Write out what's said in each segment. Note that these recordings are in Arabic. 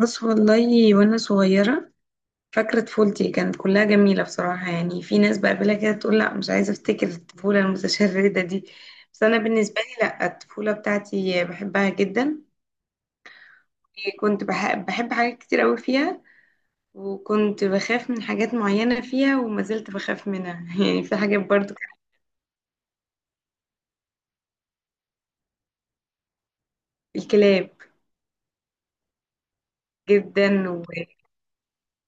بص والله، وانا صغيرة فاكرة طفولتي كانت كلها جميلة بصراحة. يعني في ناس بقابلها كده تقول لا مش عايزة افتكر الطفولة المتشردة دي، بس انا بالنسبة لي لا، الطفولة بتاعتي بحبها جدا. كنت بحب حاجات كتير قوي فيها، وكنت بخاف من حاجات معينة فيها وما زلت بخاف منها يعني في حاجات برضو كانت الكلاب جدا، و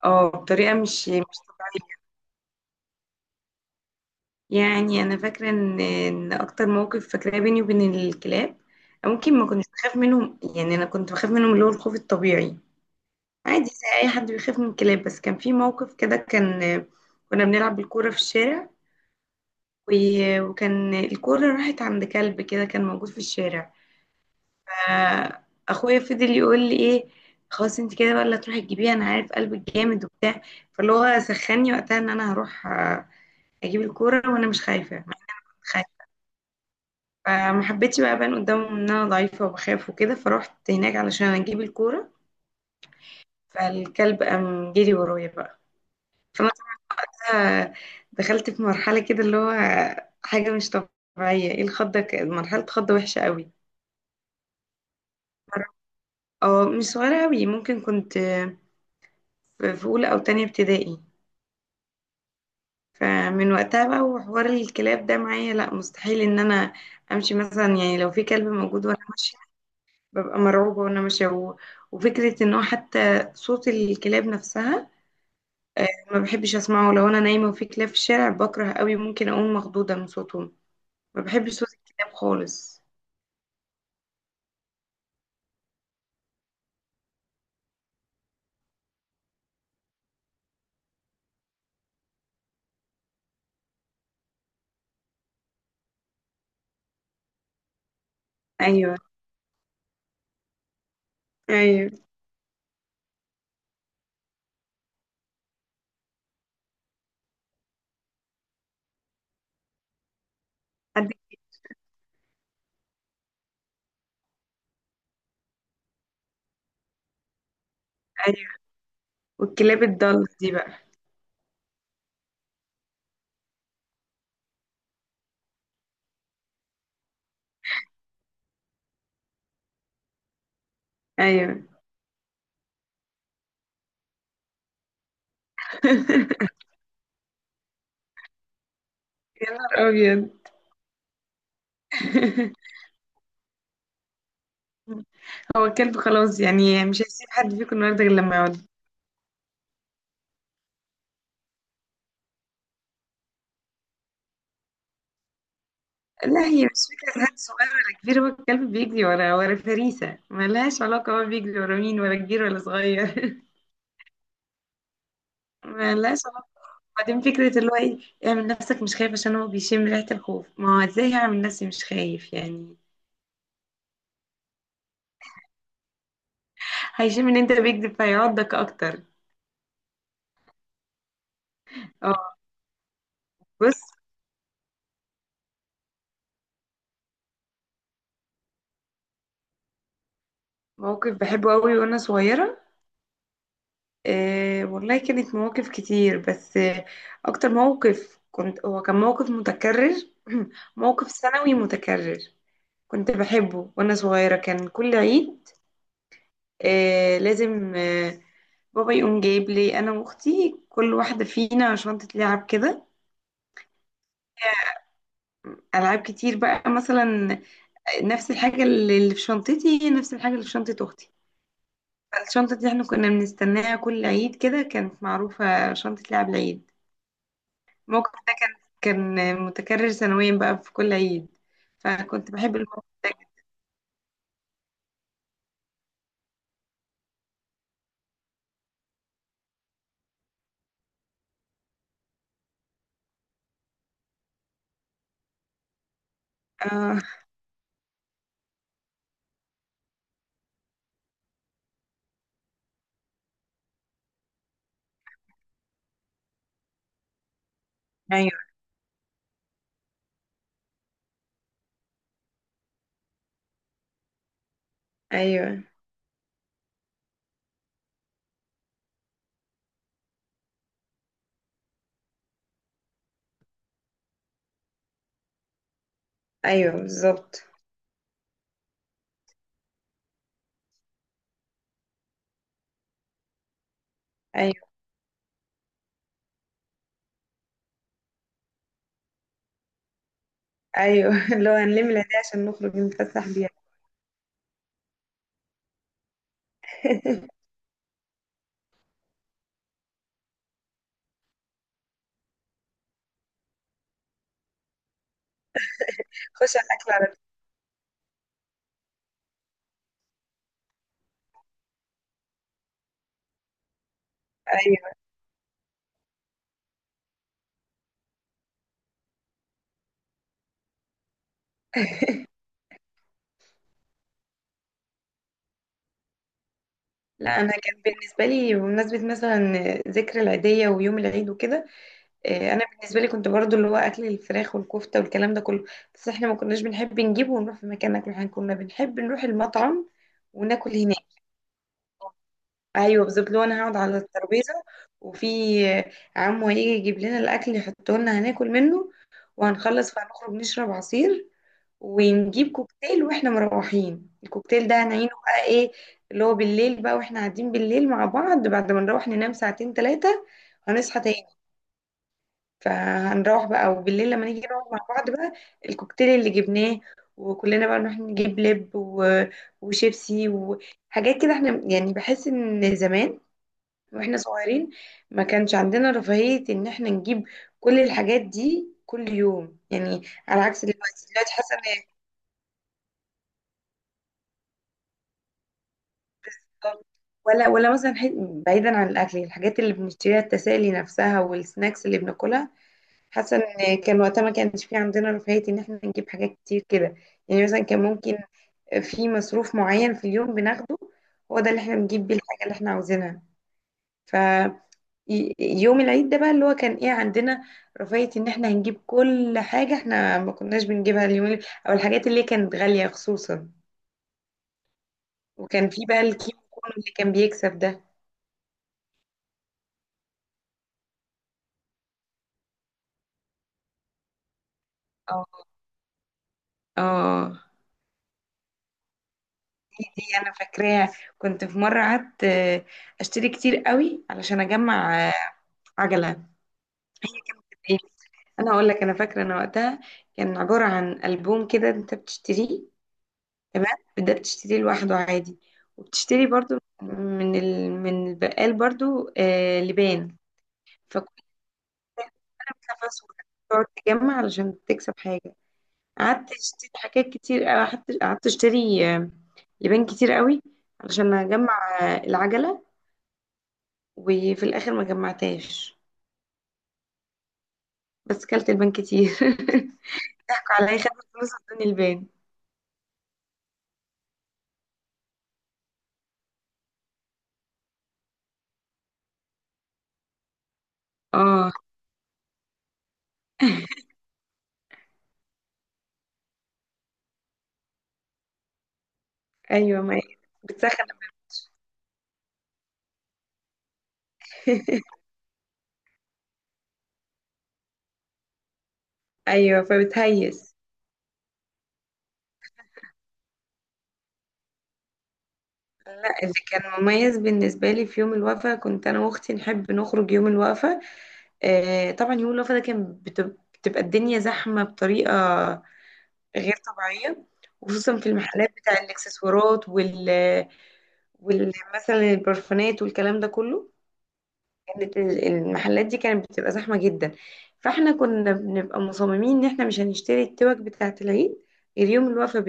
اه بطريقة مش طبيعية. يعني انا فاكره ان اكتر موقف فاكراه بيني وبين الكلاب، ممكن ما كنتش بخاف منهم، يعني انا كنت بخاف منهم اللي هو الخوف الطبيعي، عادي زي اي حد بيخاف من الكلاب. بس كان في موقف كده، كان كنا بنلعب بالكوره في الشارع، وكان الكوره راحت عند كلب كده كان موجود في الشارع. اخويا فضل يقول لي ايه، خلاص انت كده بقى اللي هتروحي تجيبيها، انا عارف قلبك جامد وبتاع. فاللي هو سخني وقتها ان انا هروح اجيب الكوره وانا مش خايفه. فما حبيتش بقى ابان قدامهم ان انا ضعيفه وبخاف وكده، فروحت هناك علشان اجيب الكوره. فالكلب قام جري ورايا بقى. فانا بقى دخلت في مرحله كده اللي هو حاجه مش طبيعيه، ايه الخضه، مرحله خضه وحشه قوي. اه مش صغيره قوي، ممكن كنت في اولى او تانية ابتدائي. فمن وقتها بقى وحوار الكلاب ده معايا لا، مستحيل ان انا امشي مثلا، يعني لو في كلب موجود وانا ماشيه ببقى مرعوبة وانا ماشية، وفكرة ان هو حتى صوت الكلاب نفسها، ما بحبش اسمعه. لو انا نايمة وفي كلاب في الشارع بكره قوي، ممكن اقوم مخضوضة من صوتهم. ما بحبش صوت الكلاب خالص. ايوه، ايوه، حد، ايوه، والكلاب الضالة دي بقى. ايوه يا نهار ابيض. هو الكلب خلاص، يعني مش هيسيب حد فيكم النهارده غير لما يقعد. لا، هي مش فكرة حد صغير ولا كبير، هو الكلب بيجري ورا، فريسة ملهاش علاقة، هو بيجري ورا مين، ورا كبير ولا صغير؟ ملهاش علاقة. بعدين فكرة اللي هو ايه، اعمل نفسك مش خايف عشان هو بيشم ريحة الخوف، ما هو ازاي هعمل نفسي مش خايف يعني؟ هيشم ان انت بيكذب فيعضك اكتر. اه. بص، موقف بحبه قوي وانا صغيرة. آه والله، كانت مواقف كتير بس آه، اكتر موقف كنت هو كان موقف متكرر، موقف سنوي متكرر. كنت بحبه وانا صغيرة، كان كل عيد آه لازم آه بابا يقوم جايب لي انا واختي كل واحده فينا شنطه لعب كده، العاب كتير بقى. مثلا نفس الحاجه اللي في شنطتي هي نفس الحاجه اللي في شنطه اختي. فالشنطه دي احنا كنا بنستناها كل عيد، كده كانت معروفه شنطه لعب العيد. الموقف ده كان كان متكرر سنويا بقى في كل عيد، فكنت بحب الموقف ده جداً. اه، ايوه، ايوه، ايوه بالظبط، ايوه، ايوه اللي هو هنلم العيدية عشان نخرج نتفسح بيها. خش على الاكل على طول. ايوه لا انا كان بالنسبه لي بمناسبه مثلا ذكر العيديه ويوم العيد وكده، انا بالنسبه لي كنت برضو اللي هو اكل الفراخ والكفته والكلام ده كله، بس احنا ما كناش بنحب نجيبه ونروح في مكان ناكله، احنا كنا بنحب نروح المطعم وناكل هناك. ايوه بالظبط، لو انا هقعد على الترابيزه وفي عمو هيجي يجيب لنا الاكل يحطه لنا هناكل منه. وهنخلص فهنخرج نشرب عصير، ونجيب كوكتيل واحنا مروحين، الكوكتيل ده هنعينه بقى ايه، اللي هو بالليل بقى واحنا قاعدين بالليل مع بعض. بعد ما نروح ننام ساعتين ثلاثة هنصحى تاني، فهنروح بقى. وبالليل لما نيجي نقعد مع بعض بقى، الكوكتيل اللي جبناه، وكلنا بقى نروح نجيب لب و... وشيبسي وحاجات كده. احنا يعني بحس ان زمان واحنا صغيرين ما كانش عندنا رفاهية ان احنا نجيب كل الحاجات دي كل يوم يعني، على عكس دلوقتي. دلوقتي حاسة ان هي بالظبط. ولا مثلا بعيدا عن الاكل، الحاجات اللي بنشتريها، التسالي نفسها والسناكس اللي بناكلها، حاسة ان كان وقتها ما كانش في عندنا رفاهية ان احنا نجيب حاجات كتير كده. يعني مثلا كان ممكن في مصروف معين في اليوم بناخده، هو ده اللي احنا بنجيب بيه الحاجة اللي احنا عاوزينها. يوم العيد ده بقى اللي هو كان ايه، عندنا رفاهية ان احنا هنجيب كل حاجة احنا ما كناش بنجيبها او الحاجات اللي كانت غالية خصوصا. وكان في بقى الكيمو كونو اللي كان بيكسب ده. اه، اه، دي انا فاكراها. كنت في مرة قعدت اشتري كتير قوي علشان اجمع عجلة. إيه، انا هقول لك، انا فاكرة انا وقتها كان عبارة عن ألبوم كده انت بتشتريه، تمام، ده بتشتريه لوحده عادي، وبتشتري برضو من ال... من البقال برضو آه لبان. فكل، انا بخاف اسود، تقعد تجمع علشان تكسب حاجة. قعدت اشتري حاجات كتير، قعدت اشتري لبان كتير قوي علشان اجمع العجلة. وفي الاخر ما جمعتهاش، بس كلت البان كتير ضحكوا عليا، خدوا فلوس ادوني البان. اه، ايوه، ما هي بتسخن. ايوه فبتهيس. لا، اللي كان مميز بالنسبة لي في يوم الوقفة، كنت أنا وأختي نحب نخرج يوم الوقفة، طبعا يوم الوقفة ده كان بتبقى الدنيا زحمة بطريقة غير طبيعية، وخصوصا في المحلات بتاع الإكسسوارات وال مثلا البرفانات والكلام ده كله. كانت المحلات دي كانت بتبقى زحمة جدا. فاحنا كنا بنبقى مصممين إن احنا مش هنشتري التوك بتاعة العيد غير يوم الوقفة.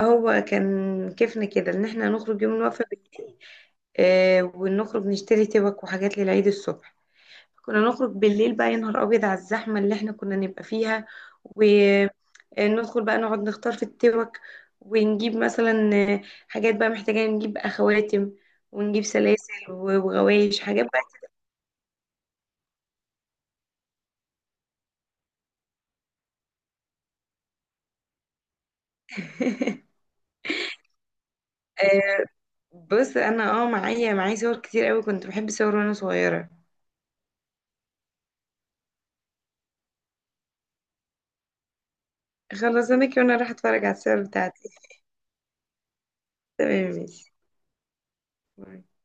هو كان كيفنا كده ان احنا نخرج يوم الوقفة بالليل، آه ونخرج نشتري توك وحاجات للعيد الصبح. كنا نخرج بالليل بقى، يا نهار ابيض على الزحمة اللي احنا كنا نبقى فيها، وندخل بقى نقعد نختار في التوك، ونجيب مثلا حاجات بقى محتاجة، نجيب خواتم ونجيب سلاسل وغوايش حاجات بقى. آه، بص انا اه معايا، صور كتير قوي، كنت بحب صور وانا صغيرة. خلص انا كده وانا راح اتفرج على الصور بتاعتي. تمام ماشي.